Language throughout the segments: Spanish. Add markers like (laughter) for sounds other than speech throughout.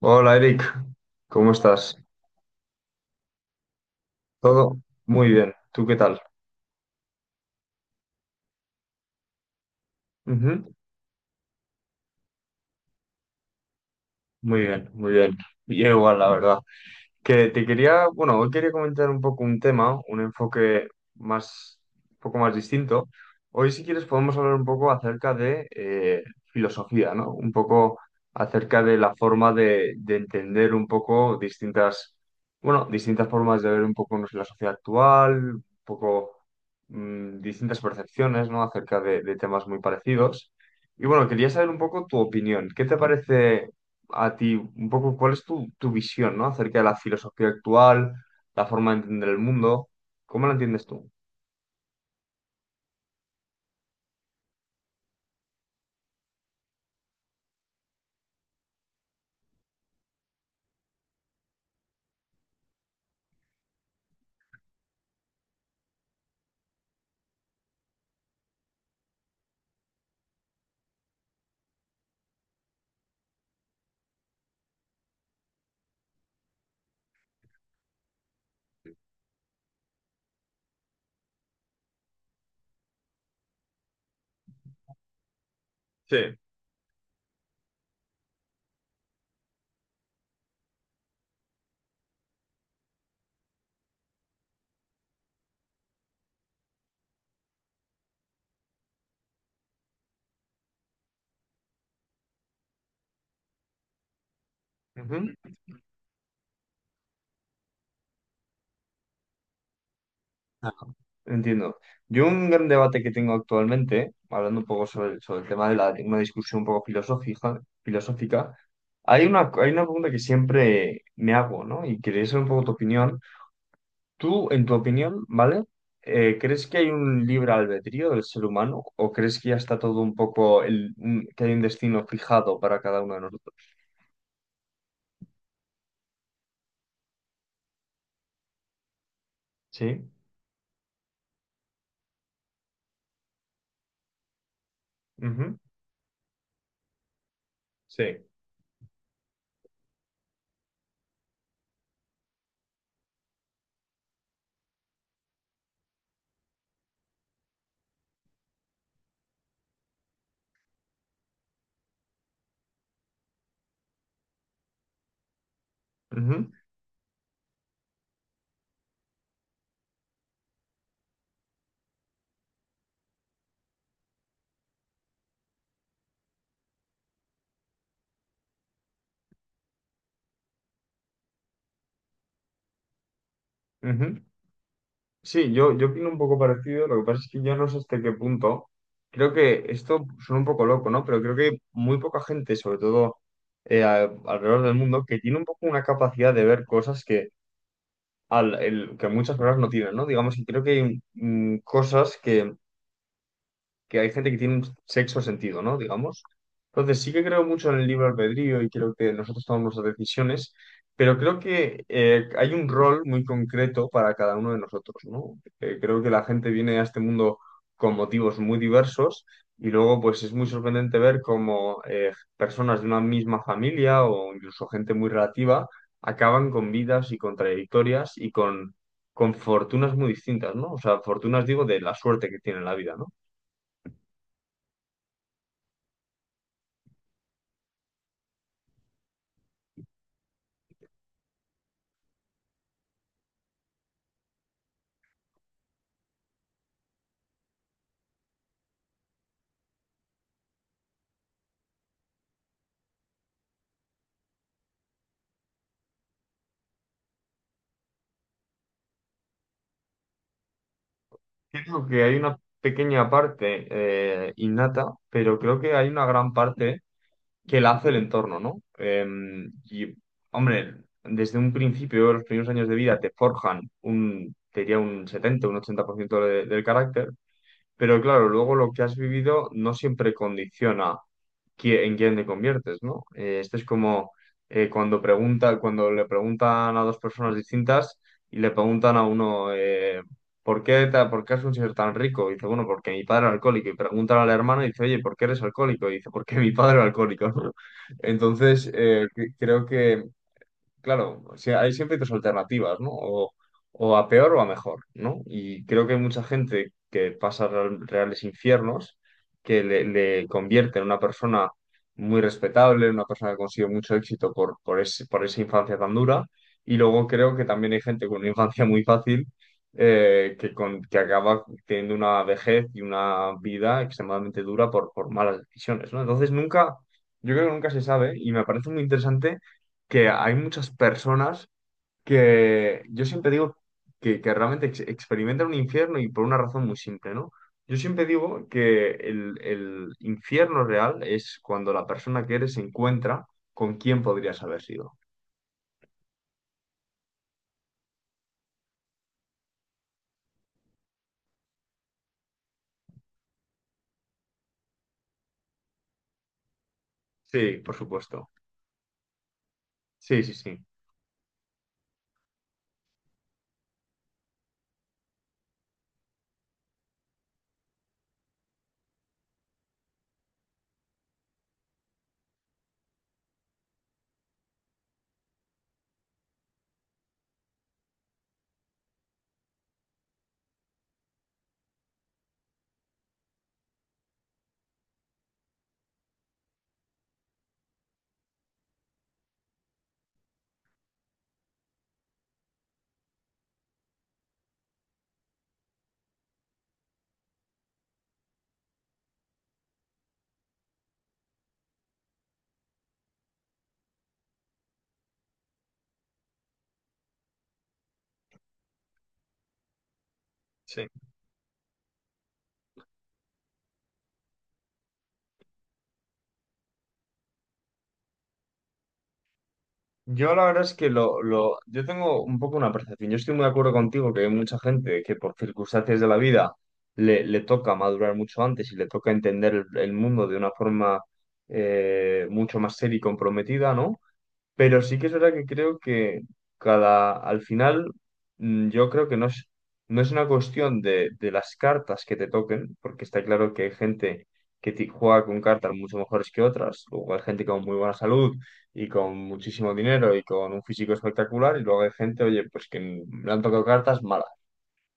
Hola Eric, ¿cómo estás? Todo muy bien, ¿tú qué tal? Ujú. Muy bien, muy bien. Yo igual, la verdad. Que te quería, bueno, Hoy quería comentar un poco un tema, un enfoque más, un poco más distinto. Hoy, si quieres, podemos hablar un poco acerca de filosofía, ¿no? Un poco acerca de la forma de entender un poco distintas, bueno, distintas formas de ver un poco no sé, la sociedad actual, un poco distintas percepciones, ¿no? Acerca de temas muy parecidos. Y bueno, quería saber un poco tu opinión. ¿Qué te parece a ti un poco cuál es tu visión, ¿no? Acerca de la filosofía actual, la forma de entender el mundo. ¿Cómo la entiendes tú? Sí. Ujú. Ajá. Entiendo. Yo un gran debate que tengo actualmente, hablando un poco sobre el tema de la, una discusión un poco hay hay una pregunta que siempre me hago, ¿no? Y quería saber un poco tu opinión. Tú, en tu opinión, ¿vale? ¿Crees que hay un libre albedrío del ser humano o crees que ya está todo un poco, que hay un destino fijado para cada uno de nosotros? Sí. Ujú. Sí. Ujú. Ujú. Sí, yo opino un poco parecido, lo que pasa es que yo no sé hasta qué punto. Creo que esto suena un poco loco, ¿no? Pero creo que muy poca gente, sobre todo alrededor del mundo, que tiene un poco una capacidad de ver cosas que, que muchas personas no tienen, ¿no? Digamos que creo que hay cosas que hay gente que tiene un sexo sentido, ¿no? Digamos. Entonces, sí que creo mucho en el libre albedrío y creo que nosotros tomamos las decisiones, pero creo que hay un rol muy concreto para cada uno de nosotros, ¿no? Creo que la gente viene a este mundo con motivos muy diversos y luego, pues, es muy sorprendente ver cómo personas de una misma familia o incluso gente muy relativa acaban con vidas y con trayectorias y con fortunas muy distintas, ¿no? O sea, fortunas, digo, de la suerte que tiene en la vida, ¿no? Creo que hay una pequeña parte innata, pero creo que hay una gran parte que la hace el entorno, ¿no? Y, hombre, desde un principio, los primeros años de vida te forjan te diría un 70, un 80% del carácter, pero claro, luego lo que has vivido no siempre condiciona en quién te conviertes, ¿no? Esto es como cuando cuando le preguntan a dos personas distintas y le preguntan a uno, ¿por qué, por qué has conseguido ser tan rico? Y dice, bueno, porque mi padre era alcohólico. Y preguntan al hermano y dice, oye, ¿por qué eres alcohólico? Y dice, porque mi padre era alcohólico, (laughs) ¿no? Entonces, creo que claro, o sea, hay siempre dos alternativas, ¿no? O a peor o a mejor, ¿no? Y creo que hay mucha gente que pasa reales infiernos, que le convierte en una persona muy respetable, en una persona que consigue mucho éxito por esa infancia tan dura. Y luego creo que también hay gente con una infancia muy fácil que acaba teniendo una vejez y una vida extremadamente dura por malas decisiones, ¿no? Entonces nunca, yo creo que nunca se sabe y me parece muy interesante que hay muchas personas que yo siempre que realmente experimentan un infierno y por una razón muy simple, ¿no? Yo siempre digo que el infierno real es cuando la persona que eres se encuentra con quién podrías haber sido. Sí, por supuesto. Sí, sí, sí. Sí. Yo la verdad es que yo tengo un poco una percepción. Yo estoy muy de acuerdo contigo que hay mucha gente que por circunstancias de la vida le toca madurar mucho antes y le toca entender el mundo de una forma mucho más seria y comprometida, ¿no? Pero sí que es verdad que creo que cada, al final, yo creo que no es una cuestión de las cartas que te toquen, porque está claro que hay gente que juega con cartas mucho mejores que otras, luego hay gente con muy buena salud y con muchísimo dinero y con un físico espectacular, y luego hay gente, oye, pues que le han tocado cartas malas.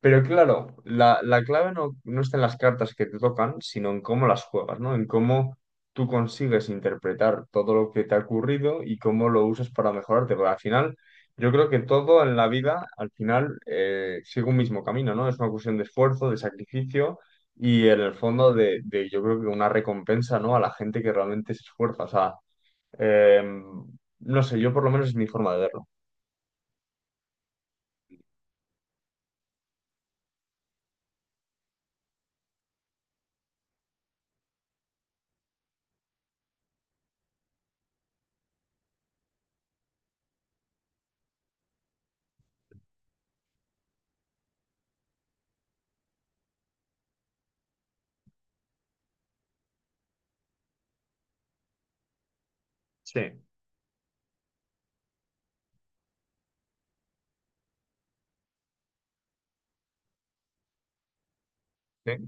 Pero claro, la clave no está en las cartas que te tocan, sino en cómo las juegas, ¿no? En cómo tú consigues interpretar todo lo que te ha ocurrido y cómo lo usas para mejorarte. Porque al final, yo creo que todo en la vida, al final, sigue un mismo camino, ¿no? Es una cuestión de esfuerzo, de sacrificio y en el fondo yo creo que una recompensa, ¿no? A la gente que realmente se esfuerza. O sea, em, no sé, yo por lo menos es mi forma de verlo. Sí. Sí.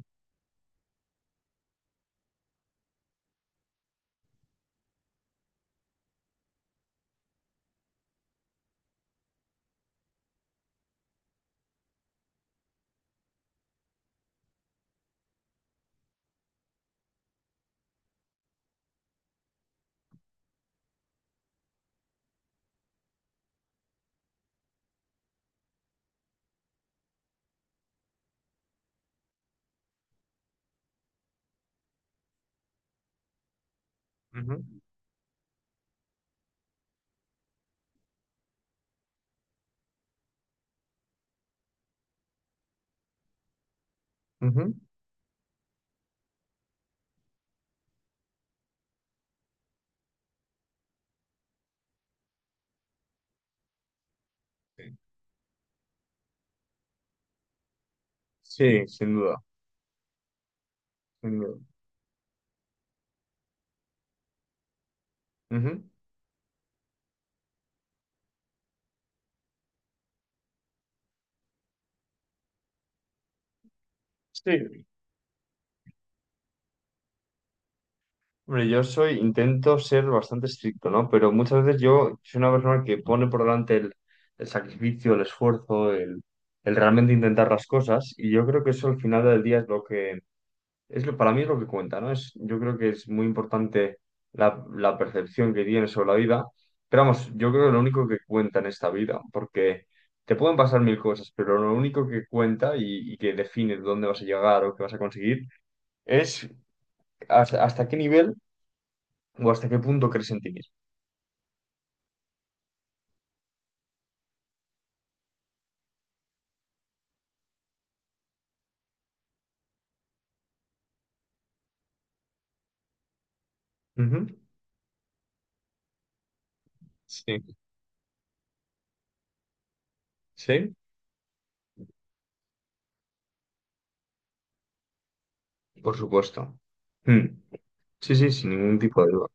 Ujú. Ujú. Sí, sin duda. Mm, ujú. Sí. Hombre, yo soy, intento ser bastante estricto, ¿no? Pero muchas veces yo soy una persona que pone por delante el sacrificio, el esfuerzo, el realmente intentar las cosas, y yo creo que eso al final del día es lo es lo, para mí es lo que cuenta, ¿no? Es, yo creo que es muy importante la percepción que tienes sobre la vida, pero vamos, yo creo que lo único que cuenta en esta vida, porque te pueden pasar mil cosas, pero lo único que cuenta y que define dónde vas a llegar o qué vas a conseguir. Es ¿hasta, hasta qué nivel o hasta qué punto crees en ti mismo? Ujú. Sí, sí, por supuesto. Mm. Sí, sí, sin ningún tipo de duda.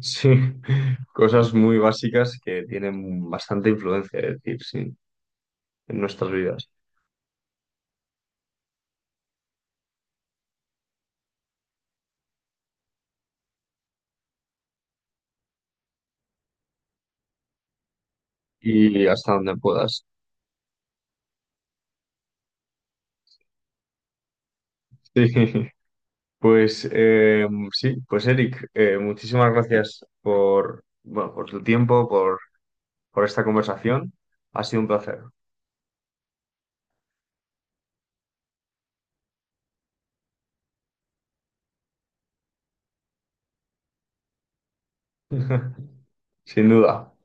Sí, (laughs) cosas muy básicas que tienen bastante influencia, es decir, sí, en nuestras vidas y hasta donde puedas. Sí, (laughs) pues Eric, muchísimas gracias por, bueno, por tu tiempo, por esta conversación. Ha sido un placer, (laughs) sin duda.